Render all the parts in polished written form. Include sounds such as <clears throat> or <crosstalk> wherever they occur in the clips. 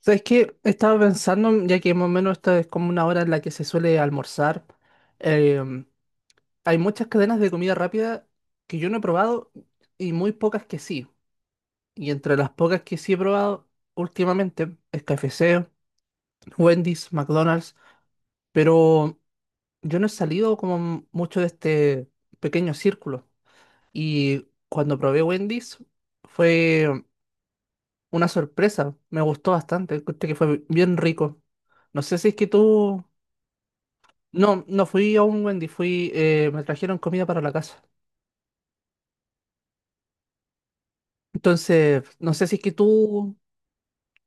¿Sabes qué? Estaba pensando, ya que más o menos esta es como una hora en la que se suele almorzar. em, Hay muchas cadenas de comida rápida que yo no he probado y muy pocas que sí. Y entre las pocas que sí he probado últimamente es KFC, Wendy's, McDonald's, pero yo no he salido como mucho de este pequeño círculo. Y cuando probé Wendy's fue una sorpresa, me gustó bastante, encontré que fue bien rico. No sé si es que tú... No, no fui a un Wendy, fui, me trajeron comida para la casa. Entonces, no sé si es que tú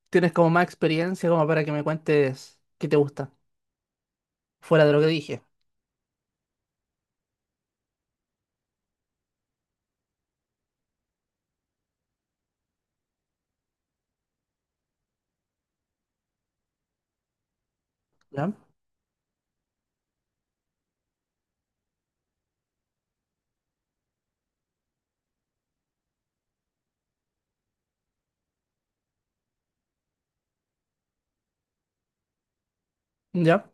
tienes como más experiencia como para que me cuentes qué te gusta, fuera de lo que dije. ¿Ya? ¿Ya?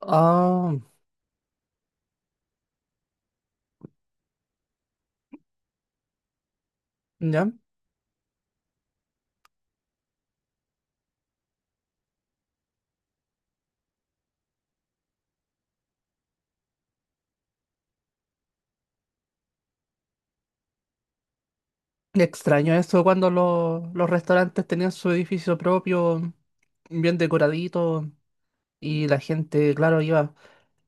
Ah, ¿ya? Extraño eso cuando los restaurantes tenían su edificio propio, bien decoradito, y la gente, claro, iba.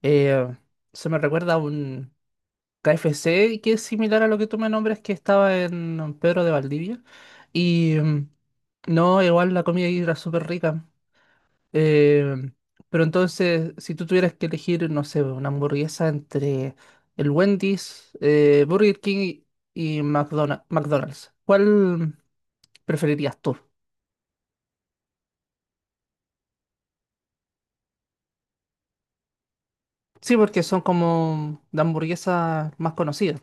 eh, Se me recuerda a un KFC, que es similar a lo que tú me nombras, que estaba en Pedro de Valdivia. Y no, igual la comida ahí era súper rica. Eh, pero entonces, si tú tuvieras que elegir, no sé, una hamburguesa entre el Wendy's, Burger King y McDonald's, ¿cuál preferirías tú? Sí, porque son como de hamburguesas más conocidas.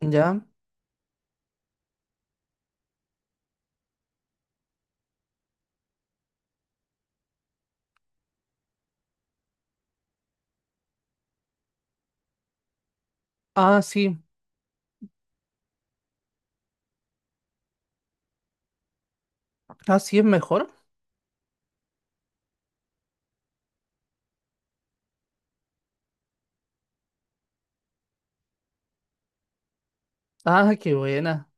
¿Ya? Ah, sí. Ah, sí, es mejor. Ah, qué buena.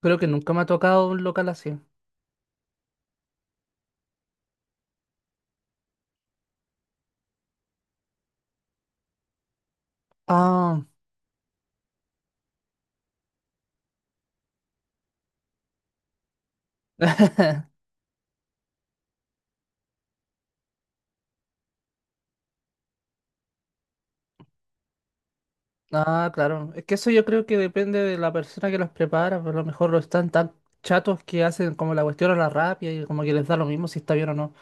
Creo que nunca me ha tocado un local así. Ah, <laughs> ah, claro. Es que eso yo creo que depende de la persona que los prepara, pero a lo mejor lo están tan chatos que hacen como la cuestión a la rápida y como que les da lo mismo si está bien o no.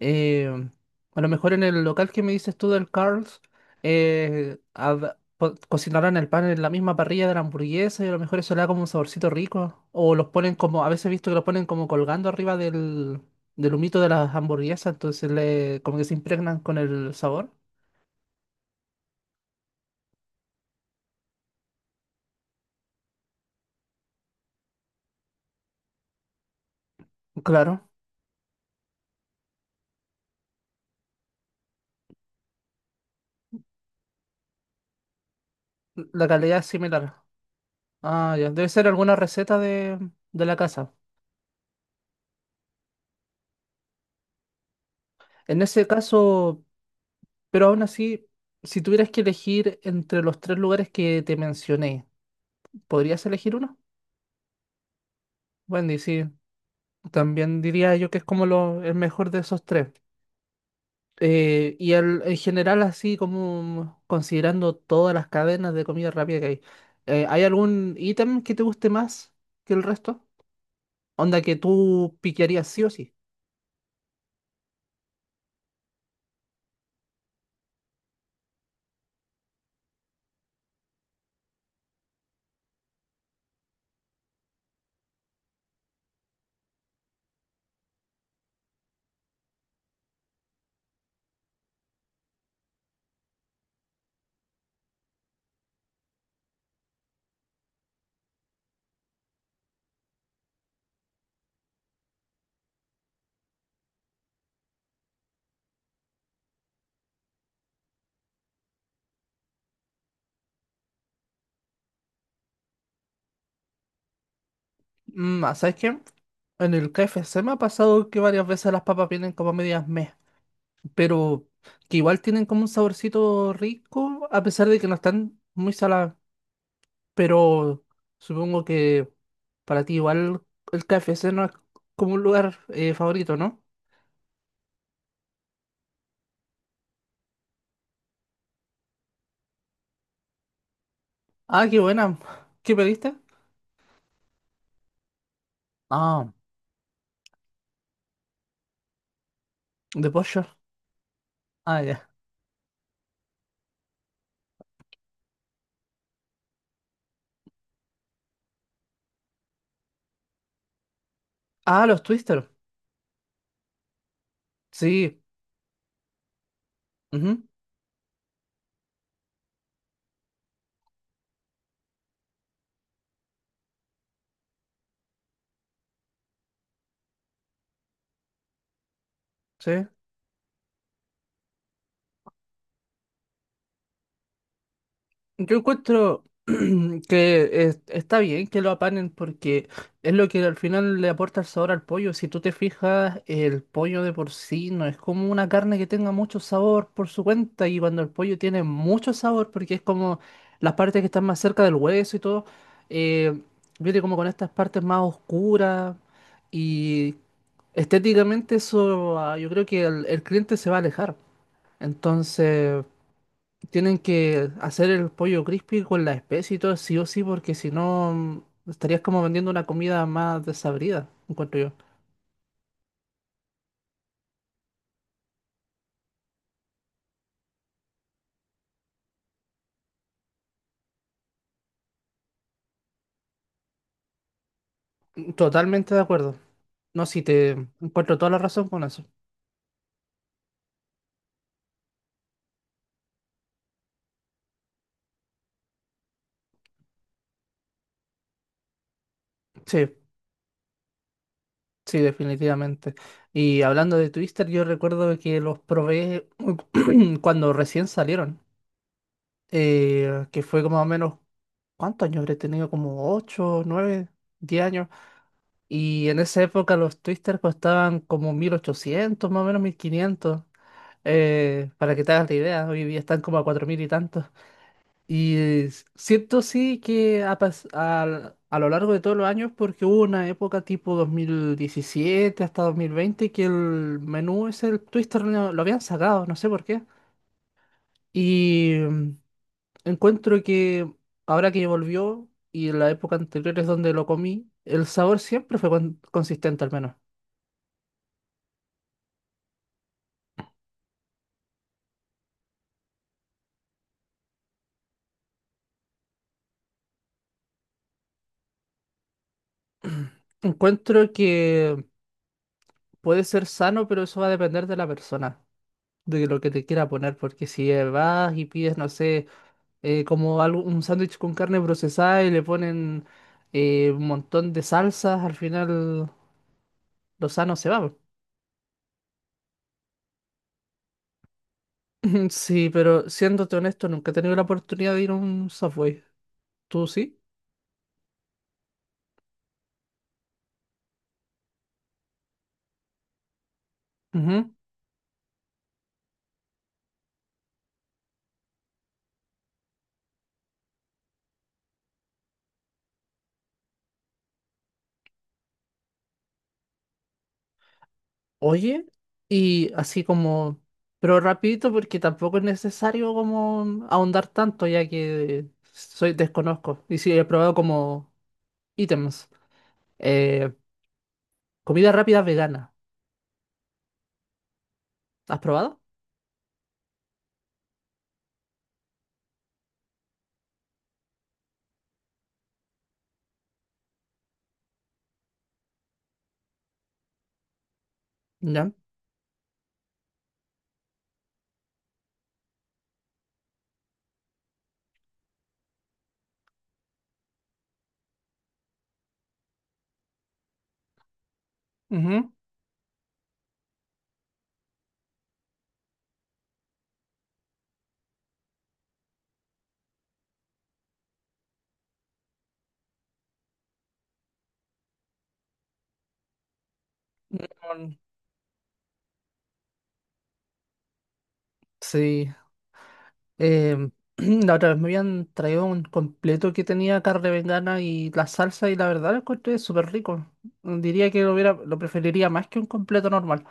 Eh, a lo mejor en el local que me dices tú del Carl's, cocinarán el pan en la misma parrilla de la hamburguesa y a lo mejor eso le da como un saborcito rico. O los ponen como, a veces he visto que los ponen como colgando arriba del, del humito de las hamburguesas, entonces le, como que se impregnan con el sabor. Claro. La calidad es similar. Ah, ya. Debe ser alguna receta de la casa. En ese caso, pero aún así, si tuvieras que elegir entre los tres lugares que te mencioné, ¿podrías elegir uno? Wendy, sí. También diría yo que es como lo, el mejor de esos tres. Y en general, así como considerando todas las cadenas de comida rápida que hay, ¿hay algún ítem que te guste más que el resto? Onda que tú piquearías sí o sí. Mm, ah, ¿sabes qué? En el KFC me ha pasado que varias veces las papas vienen como medias meh, pero que igual tienen como un saborcito rico, a pesar de que no están muy saladas. Pero supongo que para ti igual el KFC no es como un lugar favorito, ¿no? Ah, qué buena. ¿Qué pediste? Ah, de pollo. Ah, ya. Ah, los Twister. Sí. Ujú. Sí. Yo encuentro <clears throat> que está bien que lo apanen porque es lo que al final le aporta el sabor al pollo. Si tú te fijas, el pollo de por sí no es como una carne que tenga mucho sabor por su cuenta y cuando el pollo tiene mucho sabor porque es como las partes que están más cerca del hueso y todo, eh, viene como con estas partes más oscuras y estéticamente eso, ah, yo creo que el cliente se va a alejar. Entonces... Tienen que hacer el pollo crispy con la especie y todo, sí o sí, porque si no estarías como vendiendo una comida más desabrida, encuentro yo. Mm. Totalmente de acuerdo. No, sí, te encuentro toda la razón con eso. Sí, sí, definitivamente. Y hablando de Twister, yo recuerdo que los probé <clears throat> cuando recién salieron, que fue como más o menos, ¿cuántos años habré tenido? Como 8, 9, 10 años. Y en esa época los Twister costaban como 1.800, más o menos 1.500. Para que te hagas la idea, hoy día están como a 4.000 y tantos. Y siento sí que, a lo largo de todos los años, porque hubo una época tipo 2017 hasta 2020 que el menú ese, el Twister, lo habían sacado, no sé por qué. Y encuentro que ahora que volvió y en la época anterior es donde lo comí, el sabor siempre fue consistente, al menos. Encuentro que puede ser sano, pero eso va a depender de la persona, de lo que te quiera poner, porque si vas y pides, no sé, como algo, un sándwich con carne procesada y le ponen un montón de salsas, al final lo sano se va, po. <laughs> Sí, pero siéndote honesto, nunca he tenido la oportunidad de ir a un Subway. ¿Tú sí? Ujú. Oye, y así como, pero rapidito porque tampoco es necesario como ahondar tanto ya que soy desconozco y sí he probado como ítems. Eh, Comida rápida vegana. ¿Has probado? Ya. Ujú. Mm. Sí. Em, <clears throat> la otra vez me habían traído un completo que tenía carne vegana y la salsa y la verdad lo encontré súper rico. Diría que lo hubiera, lo preferiría más que un completo normal.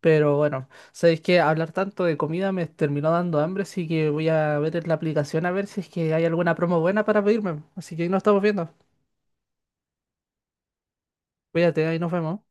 Pero bueno, sabéis que hablar tanto de comida me terminó dando hambre, así que voy a ver en la aplicación a ver si es que hay alguna promo buena para pedirme. Así que ahí nos estamos viendo. Cuídate, ahí nos vemos.